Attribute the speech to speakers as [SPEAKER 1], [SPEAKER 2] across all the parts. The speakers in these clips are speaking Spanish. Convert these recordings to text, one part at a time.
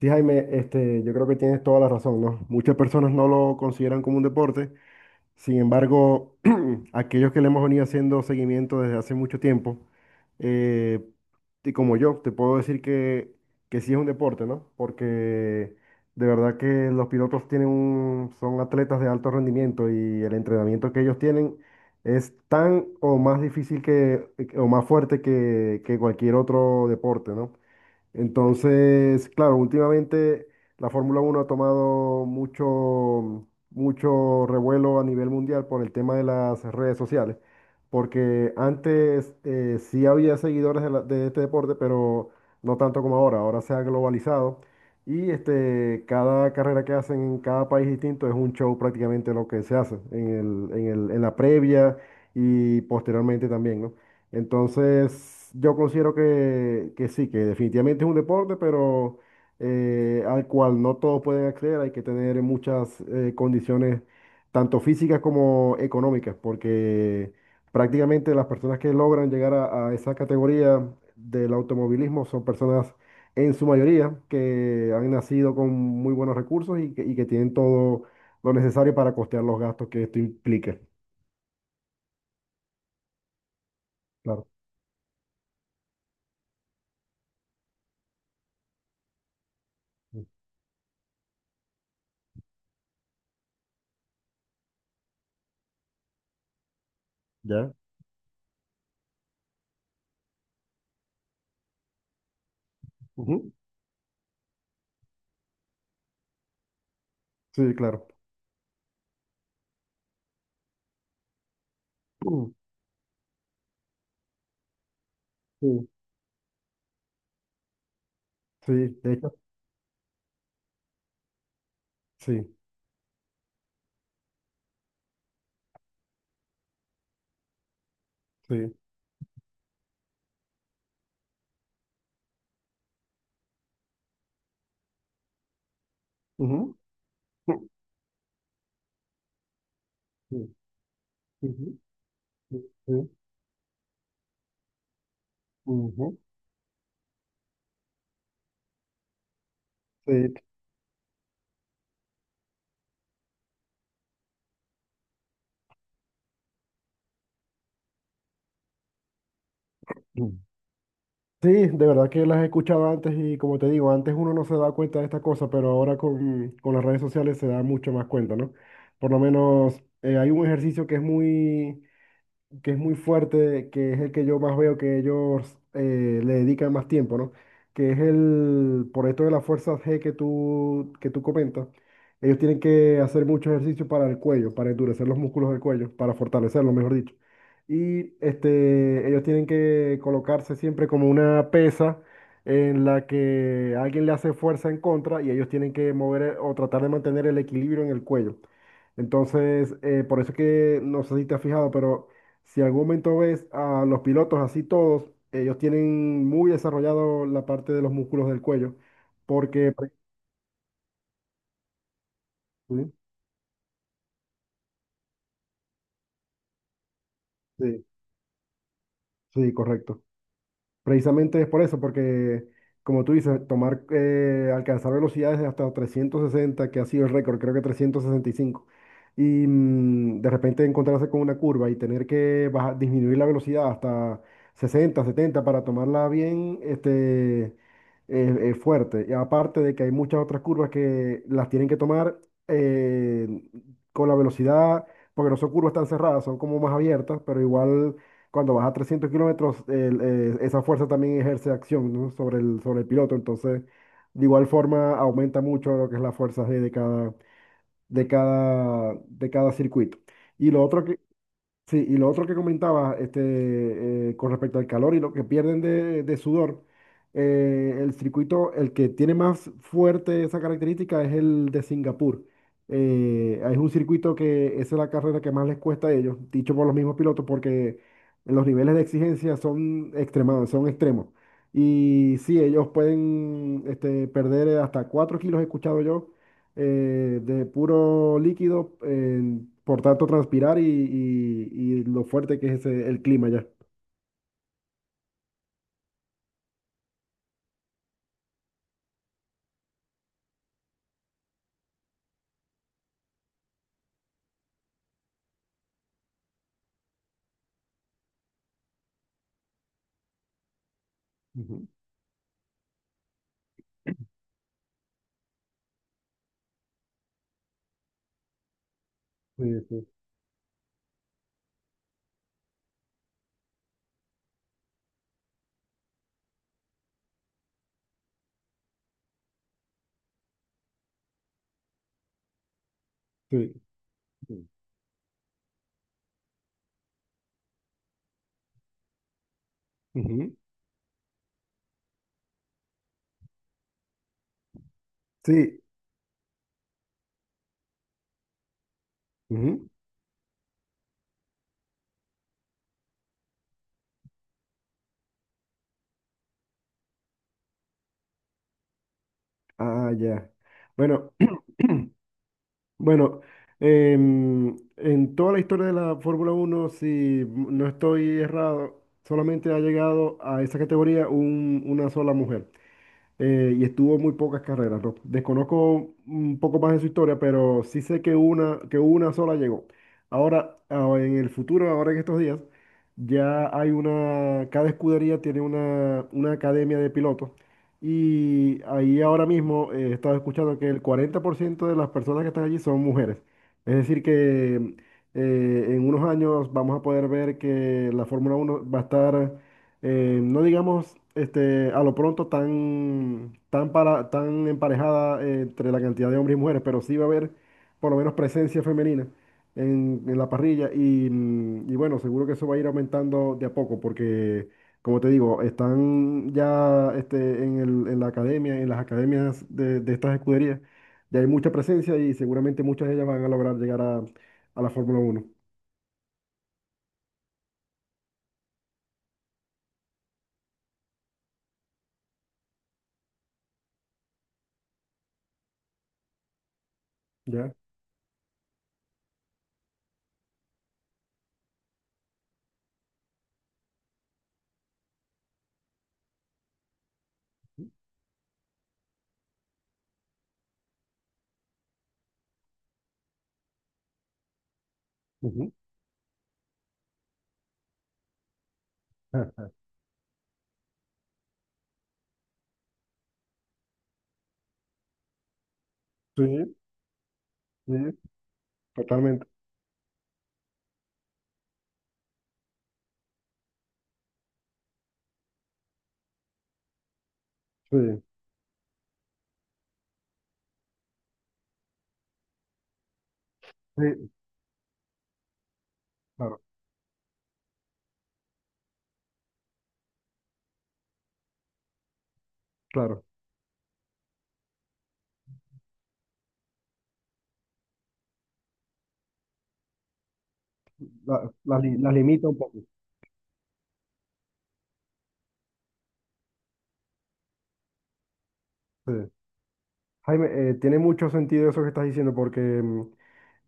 [SPEAKER 1] Sí, Jaime, este, yo creo que tienes toda la razón, ¿no? Muchas personas no lo consideran como un deporte. Sin embargo, aquellos que le hemos venido haciendo seguimiento desde hace mucho tiempo, eh, y como yo, te puedo decir que sí es un deporte, ¿no? Porque de verdad que los pilotos son atletas de alto rendimiento, y el entrenamiento que ellos tienen es tan o más difícil que, o más fuerte que cualquier otro deporte, ¿no? Entonces, claro, últimamente la Fórmula Uno ha tomado mucho, mucho revuelo a nivel mundial por el tema de las redes sociales, porque antes sí había seguidores de este deporte, pero no tanto como ahora. Ahora se ha globalizado, y este, cada carrera que hacen en cada país distinto es un show prácticamente lo que se hace en en la previa y posteriormente también, ¿no? Entonces, yo considero que sí, que definitivamente es un deporte, pero al cual no todos pueden acceder. Hay que tener muchas condiciones, tanto físicas como económicas, porque prácticamente las personas que logran llegar a esa categoría del automovilismo son personas en su mayoría que han nacido con muy buenos recursos, y que tienen todo lo necesario para costear los gastos que esto implica. Claro. ¿Ya? Ujú. Sí, claro. Sí, sí, de hecho, sí, sí. Ujú. Sí. Ujú. Sí, sí. Ujú. Sí. Sí, de verdad que las he escuchado antes, y como te digo, antes uno no se da cuenta de esta cosa, pero ahora con las redes sociales se da mucho más cuenta, ¿no? Por lo menos hay un ejercicio que es muy fuerte, que es el que yo más veo que ellos le dedican más tiempo, ¿no? Que es por esto de la fuerza G que tú comentas, ellos tienen que hacer mucho ejercicio para el cuello, para endurecer los músculos del cuello, para fortalecerlo, mejor dicho. Y este, ellos tienen que colocarse siempre como una pesa en la que alguien le hace fuerza en contra, y ellos tienen que mover, o tratar de mantener el equilibrio en el cuello. Entonces, por eso es que no sé si te has fijado, pero si en algún momento ves a los pilotos así todos, ellos tienen muy desarrollado la parte de los músculos del cuello, porque... Sí, sí, sí, correcto. Precisamente es por eso, porque como tú dices, alcanzar velocidades de hasta 360, que ha sido el récord, creo que 365, y de repente encontrarse con una curva y tener que disminuir la velocidad hasta 60, 70 para tomarla bien, este, fuerte. Y aparte de que hay muchas otras curvas que las tienen que tomar eh, con la velocidad, porque no son curvas tan cerradas, son como más abiertas, pero igual cuando vas a 300 kilómetros, esa fuerza también ejerce acción, ¿no?, sobre el piloto. Entonces, de igual forma, aumenta mucho lo que es la fuerza G de cada, de cada circuito. Y lo otro. Sí, y lo otro que comentaba, este, con respecto al calor y lo que pierden de sudor, el circuito, el que tiene más fuerte esa característica es el de Singapur. Es un circuito que esa es la carrera que más les cuesta a ellos, dicho por los mismos pilotos, porque los niveles de exigencia son extremados, son extremos. Y sí, ellos pueden, este, perder hasta 4 kilos, he escuchado yo, de puro líquido, por tanto transpirar y lo fuerte que es el clima ya. Ujú. Sí, sí, sí. Sí. Ujú. Sí. Ujú. Ah, ya. Bueno, bueno, en toda la historia de la Fórmula Uno, si no estoy errado, solamente ha llegado a esa categoría una sola mujer. Y estuvo muy pocas carreras, ¿no? Desconozco un poco más de su historia, pero sí sé que una sola llegó. Ahora, ah, en el futuro, ahora en estos días, ya hay cada escudería tiene una academia de pilotos. Y ahí ahora mismo he estado escuchando que el 40% de las personas que están allí son mujeres. Es decir, que en unos años vamos a poder ver que la Fórmula uno va a estar no digamos, este, a lo pronto tan emparejada entre la cantidad de hombres y mujeres, pero sí va a haber por lo menos presencia femenina en la parrilla, y bueno, seguro que eso va a ir aumentando de a poco, porque, como te digo, están ya, este, en en la academia, en las academias de estas escuderías, ya hay mucha presencia, y seguramente muchas de ellas van a lograr llegar a la Fórmula uno. ¿Ya? Ujú. Sí, sí, totalmente. Sí. Sí, claro, claro. La, la limita un poco. Sí. Jaime, tiene mucho sentido eso que estás diciendo, porque mm,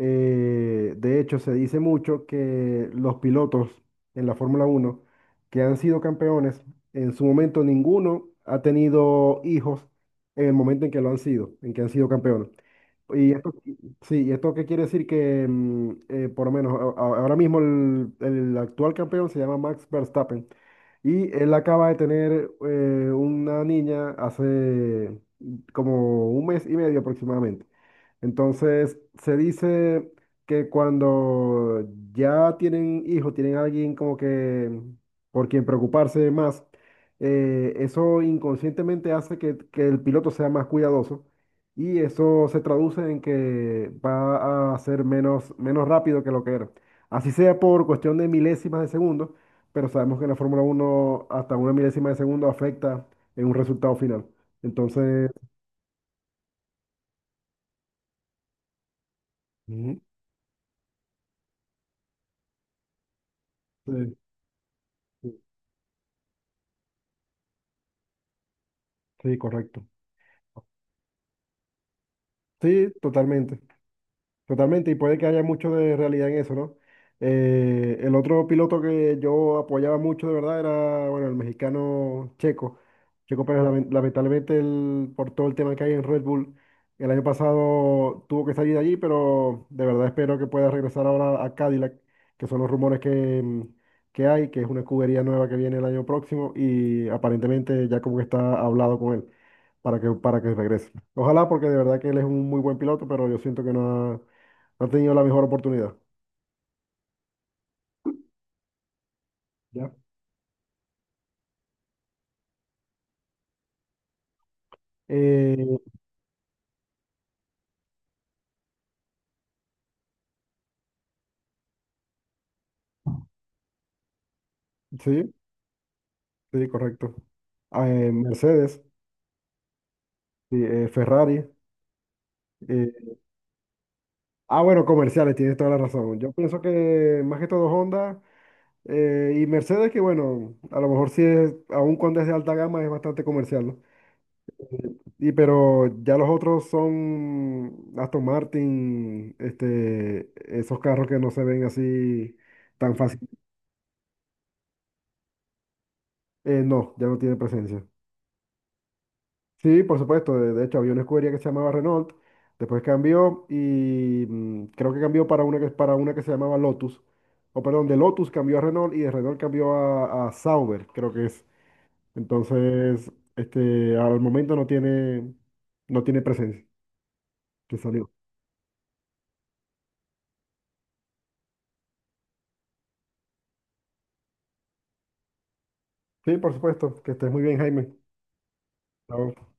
[SPEAKER 1] Eh, de hecho, se dice mucho que los pilotos en la Fórmula Uno que han sido campeones, en su momento ninguno ha tenido hijos en el momento en que lo han sido, en que han sido campeones. Y esto, sí, ¿y esto qué quiere decir? Que por lo menos ahora mismo el actual campeón se llama Max Verstappen, y él acaba de tener una niña hace como un mes y medio aproximadamente. Entonces, se dice que cuando ya tienen hijos, tienen alguien como que por quien preocuparse más, eso inconscientemente hace que, el piloto sea más cuidadoso, y eso se traduce en que va a ser menos rápido que lo que era. Así sea por cuestión de milésimas de segundo, pero sabemos que en la Fórmula uno hasta una milésima de segundo afecta en un resultado final. Entonces... Ujú. Sí, sí, sí, correcto. Sí, totalmente, totalmente, y puede que haya mucho de realidad en eso, ¿no? El otro piloto que yo apoyaba mucho de verdad era, bueno, el mexicano Checo. Checo Pérez, lamentablemente, por todo el tema que hay en Red Bull, el año pasado tuvo que salir de allí, pero de verdad espero que pueda regresar ahora a Cadillac, que son los rumores que hay, que es una escudería nueva que viene el año próximo, y aparentemente ya como que está hablado con él para que, regrese. Ojalá, porque de verdad que él es un muy buen piloto, pero yo siento que ha, no ha tenido la mejor oportunidad. ¿Ya? Eh, sí, sí, correcto. Ah, Mercedes, sí, Ferrari. eh, bueno, comerciales, tienes toda la razón. Yo pienso que más que todo Honda y Mercedes, que bueno, a lo mejor sí es, aún cuando es de alta gama, es bastante comercial, ¿no? Y pero ya los otros son Aston Martin, este, esos carros que no se ven así tan fácil. No, ya no tiene presencia. Sí, por supuesto. De hecho, había una escudería que se llamaba Renault, después cambió, y creo que cambió para una que, se llamaba Lotus. O perdón, de Lotus cambió a Renault, y de Renault cambió a Sauber, creo que es. Entonces, este, al momento no tiene, presencia, que salió. Sí, por supuesto. Que estés muy bien, Jaime. Ok,